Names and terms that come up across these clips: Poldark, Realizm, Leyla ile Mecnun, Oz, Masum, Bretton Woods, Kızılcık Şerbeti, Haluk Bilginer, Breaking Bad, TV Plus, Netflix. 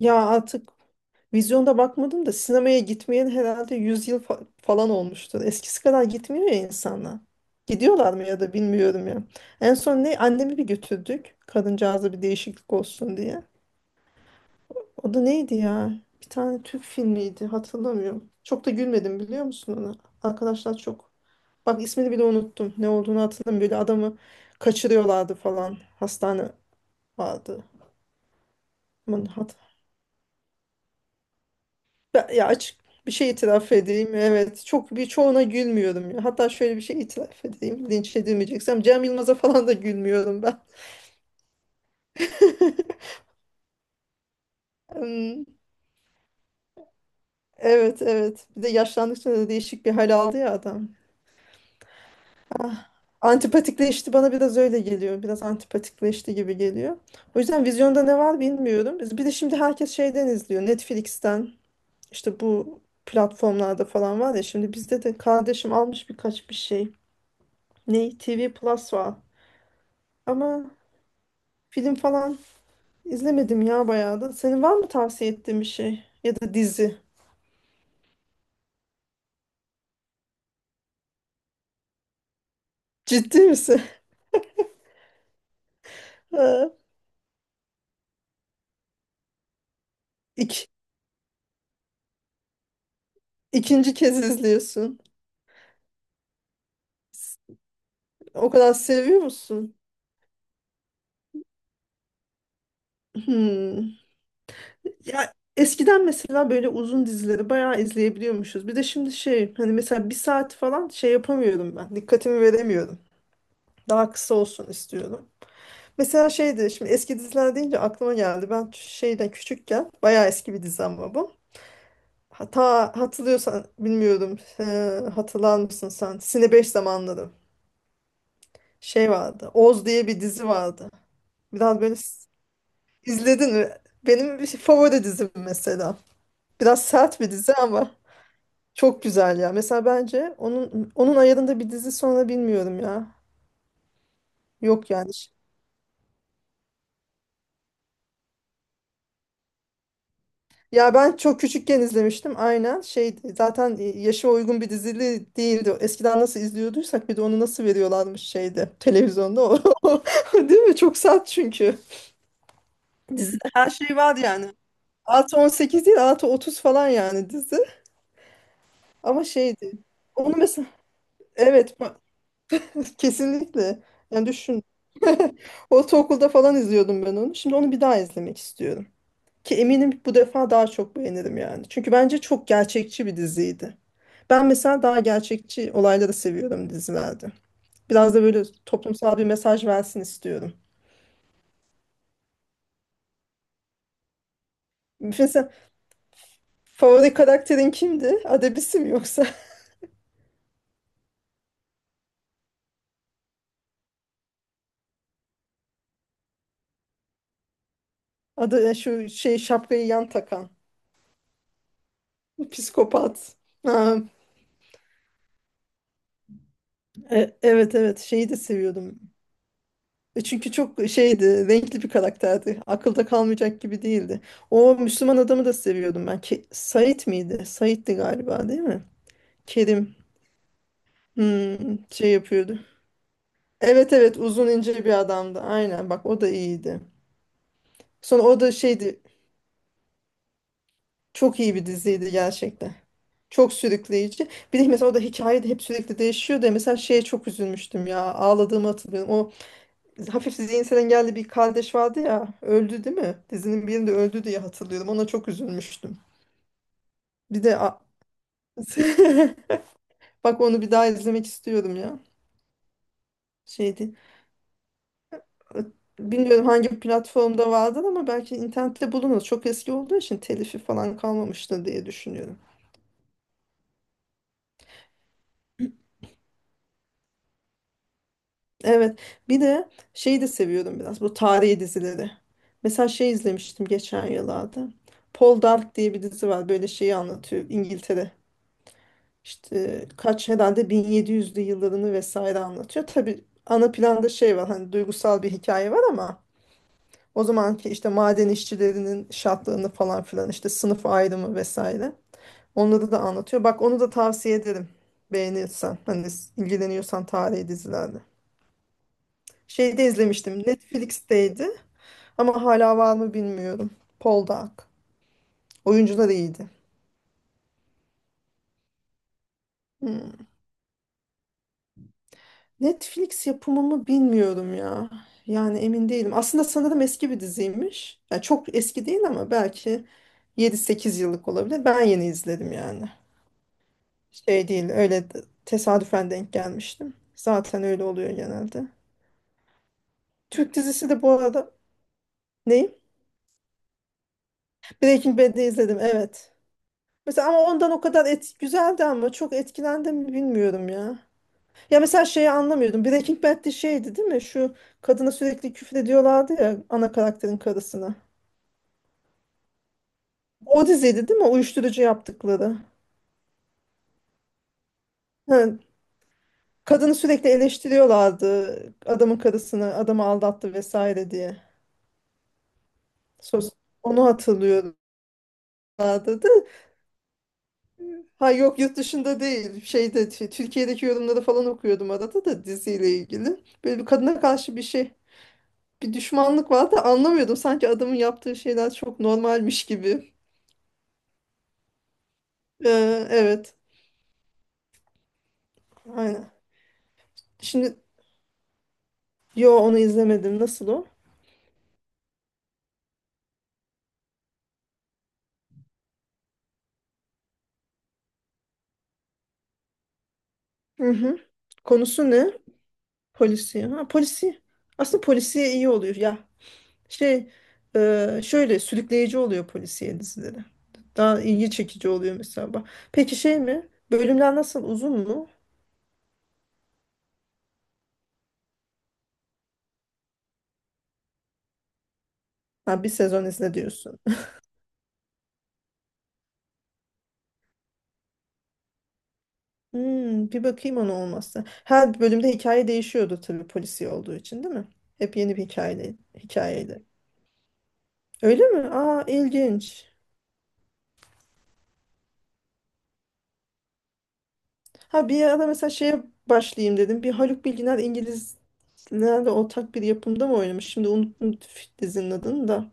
Ya artık vizyonda bakmadım da sinemaya gitmeyen herhalde 100 yıl falan olmuştur. Eskisi kadar gitmiyor ya insanlar. Gidiyorlar mı ya da bilmiyorum ya. En son ne annemi bir götürdük. Kadıncağıza bir değişiklik olsun diye. O da neydi ya? Bir tane Türk filmiydi hatırlamıyorum. Çok da gülmedim biliyor musun ona? Arkadaşlar çok. Bak ismini bile unuttum. Ne olduğunu hatırlamıyorum. Böyle adamı kaçırıyorlardı falan. Hastane vardı. Aman, ya açık bir şey itiraf edeyim. Evet. Çok birçoğuna gülmüyorum ya. Hatta şöyle bir şey itiraf edeyim. Linç edilmeyeceksem Cem Yılmaz'a falan da gülmüyorum ben. Hmm, evet evet. Bir de yaşlandıkça da değişik bir hal aldı ya adam. Ah, antipatikleşti bana biraz öyle geliyor. Biraz antipatikleşti gibi geliyor. O yüzden vizyonda ne var bilmiyorum. Bir de şimdi herkes şeyden izliyor. Netflix'ten işte bu platformlarda falan var ya. Şimdi bizde de kardeşim almış birkaç bir şey. Ne? TV Plus var. Ama film falan izlemedim ya bayağı da. Senin var mı tavsiye ettiğin bir şey? Ya da dizi? Ciddi misin? Ha, İk, ikinci kez izliyorsun. O kadar seviyor musun? Hmm. Ya eskiden mesela böyle uzun dizileri bayağı izleyebiliyormuşuz. Bir de şimdi şey hani mesela bir saat falan şey yapamıyorum ben. Dikkatimi veremiyorum. Daha kısa olsun istiyorum. Mesela şeydi şimdi eski diziler deyince aklıma geldi. Ben şeyden küçükken bayağı eski bir dizi ama bu. Hata hatırlıyorsan bilmiyorum. Hatırlar mısın sen? Sine 5 zamanları. Şey vardı. Oz diye bir dizi vardı. Biraz böyle izledin mi? Benim favori dizim mesela. Biraz sert bir dizi ama çok güzel ya. Mesela bence onun ayarında bir dizi sonra bilmiyorum ya. Yok yani. Ya ben çok küçükken izlemiştim aynen şeydi zaten yaşa uygun bir dizili değildi. Eskiden nasıl izliyorduysak bir de onu nasıl veriyorlarmış şeyde televizyonda o. Değil mi? Çok sert çünkü. Dizide her şey var yani. Artı 18 değil artı 30 falan yani dizi. Ama şeydi. Onu mesela evet bak, kesinlikle. Yani düşün. Ortaokulda falan izliyordum ben onu. Şimdi onu bir daha izlemek istiyorum. Ki eminim bu defa daha çok beğenirim yani. Çünkü bence çok gerçekçi bir diziydi. Ben mesela daha gerçekçi olayları seviyorum dizilerde. Biraz da böyle toplumsal bir mesaj versin istiyorum. Mesela favori karakterin kimdi? Adebisi mi yoksa? Adı şu şey şapkayı yan takan. Psikopat. Ha, evet evet şeyi de seviyordum. Çünkü çok şeydi, renkli bir karakterdi. Akılda kalmayacak gibi değildi. O Müslüman adamı da seviyordum ben. Said miydi? Said'di galiba değil mi? Kerim. Şey yapıyordu. Evet evet uzun ince bir adamdı. Aynen bak o da iyiydi. Sonra o da şeydi çok iyi bir diziydi gerçekten. Çok sürükleyici. Bir de mesela o da hikaye de hep sürekli değişiyor da mesela şeye çok üzülmüştüm ya. Ağladığımı hatırlıyorum. O hafif zihinsel engelli bir kardeş vardı ya. Öldü değil mi? Dizinin birinde öldü diye hatırlıyorum. Ona çok üzülmüştüm. Bir de bak onu bir daha izlemek istiyorum ya. Şeydi. Bilmiyorum hangi platformda vardır ama belki internette bulunur. Çok eski olduğu için telifi falan kalmamıştır diye düşünüyorum. Evet. Bir de şeyi de seviyorum biraz bu tarihi dizileri. Mesela şey izlemiştim geçen yıllarda. Paul Dark diye bir dizi var. Böyle şeyi anlatıyor İngiltere. İşte kaç herhalde 1700'lü yıllarını vesaire anlatıyor. Tabii ana planda şey var hani duygusal bir hikaye var ama o zamanki işte maden işçilerinin şartlarını falan filan işte sınıf ayrımı vesaire. Onları da anlatıyor. Bak onu da tavsiye ederim. Beğenirsen. Hani ilgileniyorsan tarihi dizilerle. Şeyde izlemiştim. Netflix'teydi. Ama hala var mı bilmiyorum. Poldark. Oyuncular iyiydi. Hmm. Netflix yapımı mı bilmiyorum ya. Yani emin değilim. Aslında sanırım eski bir diziymiş. Yani çok eski değil ama belki 7-8 yıllık olabilir. Ben yeni izledim yani. Şey değil öyle tesadüfen denk gelmiştim. Zaten öyle oluyor genelde. Türk dizisi de bu arada... Neyi? Breaking Bad'i izledim evet. Mesela ama ondan o kadar güzeldi ama çok etkilendim mi bilmiyorum ya. Ya mesela şeyi anlamıyordum. Breaking Bad'de şeydi değil mi? Şu kadına sürekli küfür ediyorlardı ya ana karakterin karısına. O diziydi değil mi? Uyuşturucu yaptıkları. Ha, kadını sürekli eleştiriyorlardı. Adamın karısını, adamı aldattı vesaire diye. Sos onu hatırlıyorlardı da. Ha yok yurt dışında değil. Şeyde Türkiye'deki yorumları falan okuyordum arada da diziyle ilgili. Böyle bir kadına karşı bir şey bir düşmanlık var da anlamıyordum. Sanki adamın yaptığı şeyler çok normalmiş gibi. Evet. Aynen. Şimdi yo onu izlemedim. Nasıl o? Hı hı. Konusu ne? Polisi. Ha polisi. Aslında polisiye iyi oluyor. Ya şey şöyle sürükleyici oluyor polisiye dizileri. Daha ilgi çekici oluyor mesela. Bak. Peki şey mi? Bölümler nasıl? Uzun mu? Ha bir sezon izle diyorsun. Hmm, bir bakayım ona olmazsa. Her bölümde hikaye değişiyordu tabii polisi olduğu için değil mi? Hep yeni bir hikayeydi. Öyle mi? Aa ilginç. Ha bir ara mesela şeye başlayayım dedim. Bir Haluk Bilginer İngilizlerle ortak bir yapımda mı oynamış? Şimdi unuttum dizinin adını da.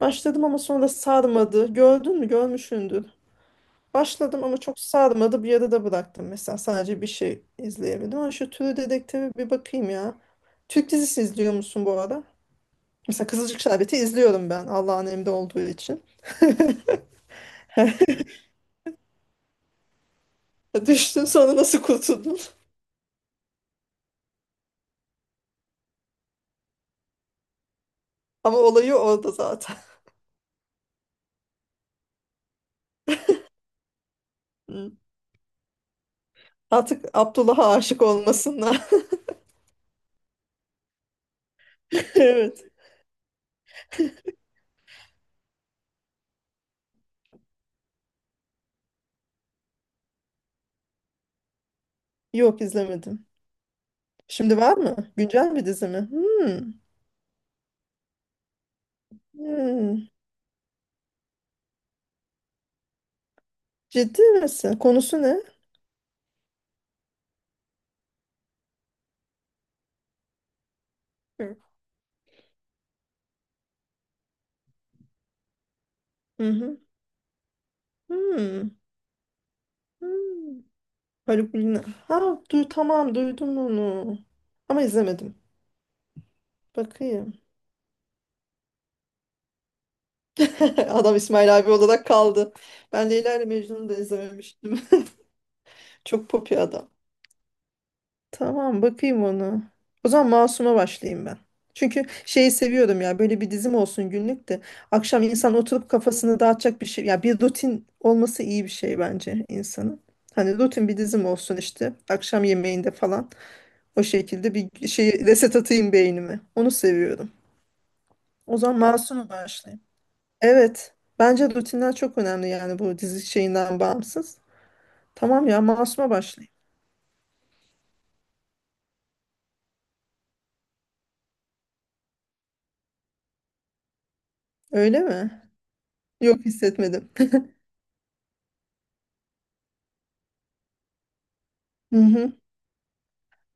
Başladım ama sonra sarmadı. Gördün mü? Görmüşsündür. Başladım ama çok sarmadı. Bir yarıda bıraktım mesela. Sadece bir şey izleyebildim. Ama şu türü dedektife bir bakayım ya. Türk dizisi izliyor musun bu arada? Mesela Kızılcık Şerbeti izliyorum ben Allah'ın emri olduğu için. Düştün sonra nasıl kurtuldun? Ama olayı orada zaten. Hı. Artık Abdullah'a aşık olmasınlar. Evet. Yok izlemedim. Şimdi var mı? Güncel bir dizi mi? Hmm. Hmm. Ciddi misin? Konusu ne? Hı hı. Hmm. Hmm. Haluk Bilginer. Ha, tamam duydum onu. Ama izlemedim. Bakayım. Adam İsmail abi olarak kaldı. Ben Leyla ile Mecnun'u da izlememiştim. Çok pop bir adam. Tamam bakayım onu. O zaman Masum'a başlayayım ben. Çünkü şeyi seviyorum ya böyle bir dizim olsun günlük de akşam insan oturup kafasını dağıtacak bir şey ya bir rutin olması iyi bir şey bence insanın. Hani rutin bir dizim olsun işte akşam yemeğinde falan o şekilde bir şey reset atayım beynime onu seviyorum. O zaman Masum'a başlayayım. Evet. Bence rutinler çok önemli yani bu dizi şeyinden bağımsız. Tamam ya Masum'a başlayayım. Öyle mi? Yok hissetmedim. Hı hı.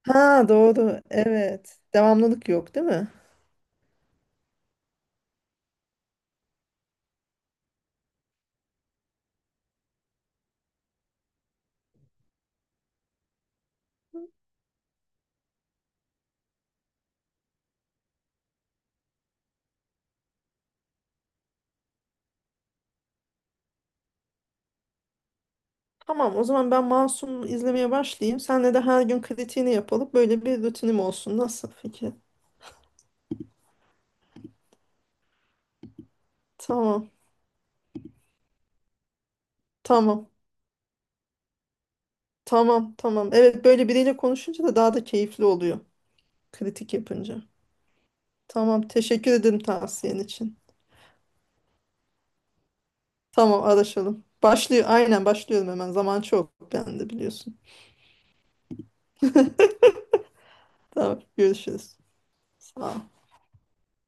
Ha doğru. Evet. Devamlılık yok değil mi? Tamam o zaman ben Masum izlemeye başlayayım. Senle de her gün kritiğini yapalım. Böyle bir rutinim olsun. Nasıl fikir? Tamam. Tamam. Tamam. Tamam. Evet böyle biriyle konuşunca da daha da keyifli oluyor. Kritik yapınca. Tamam. Teşekkür ederim tavsiyen için. Tamam araşalım. Başlıyor. Aynen başlıyorum hemen. Zaman çok bende biliyorsun. Tamam görüşürüz. Sağ ol.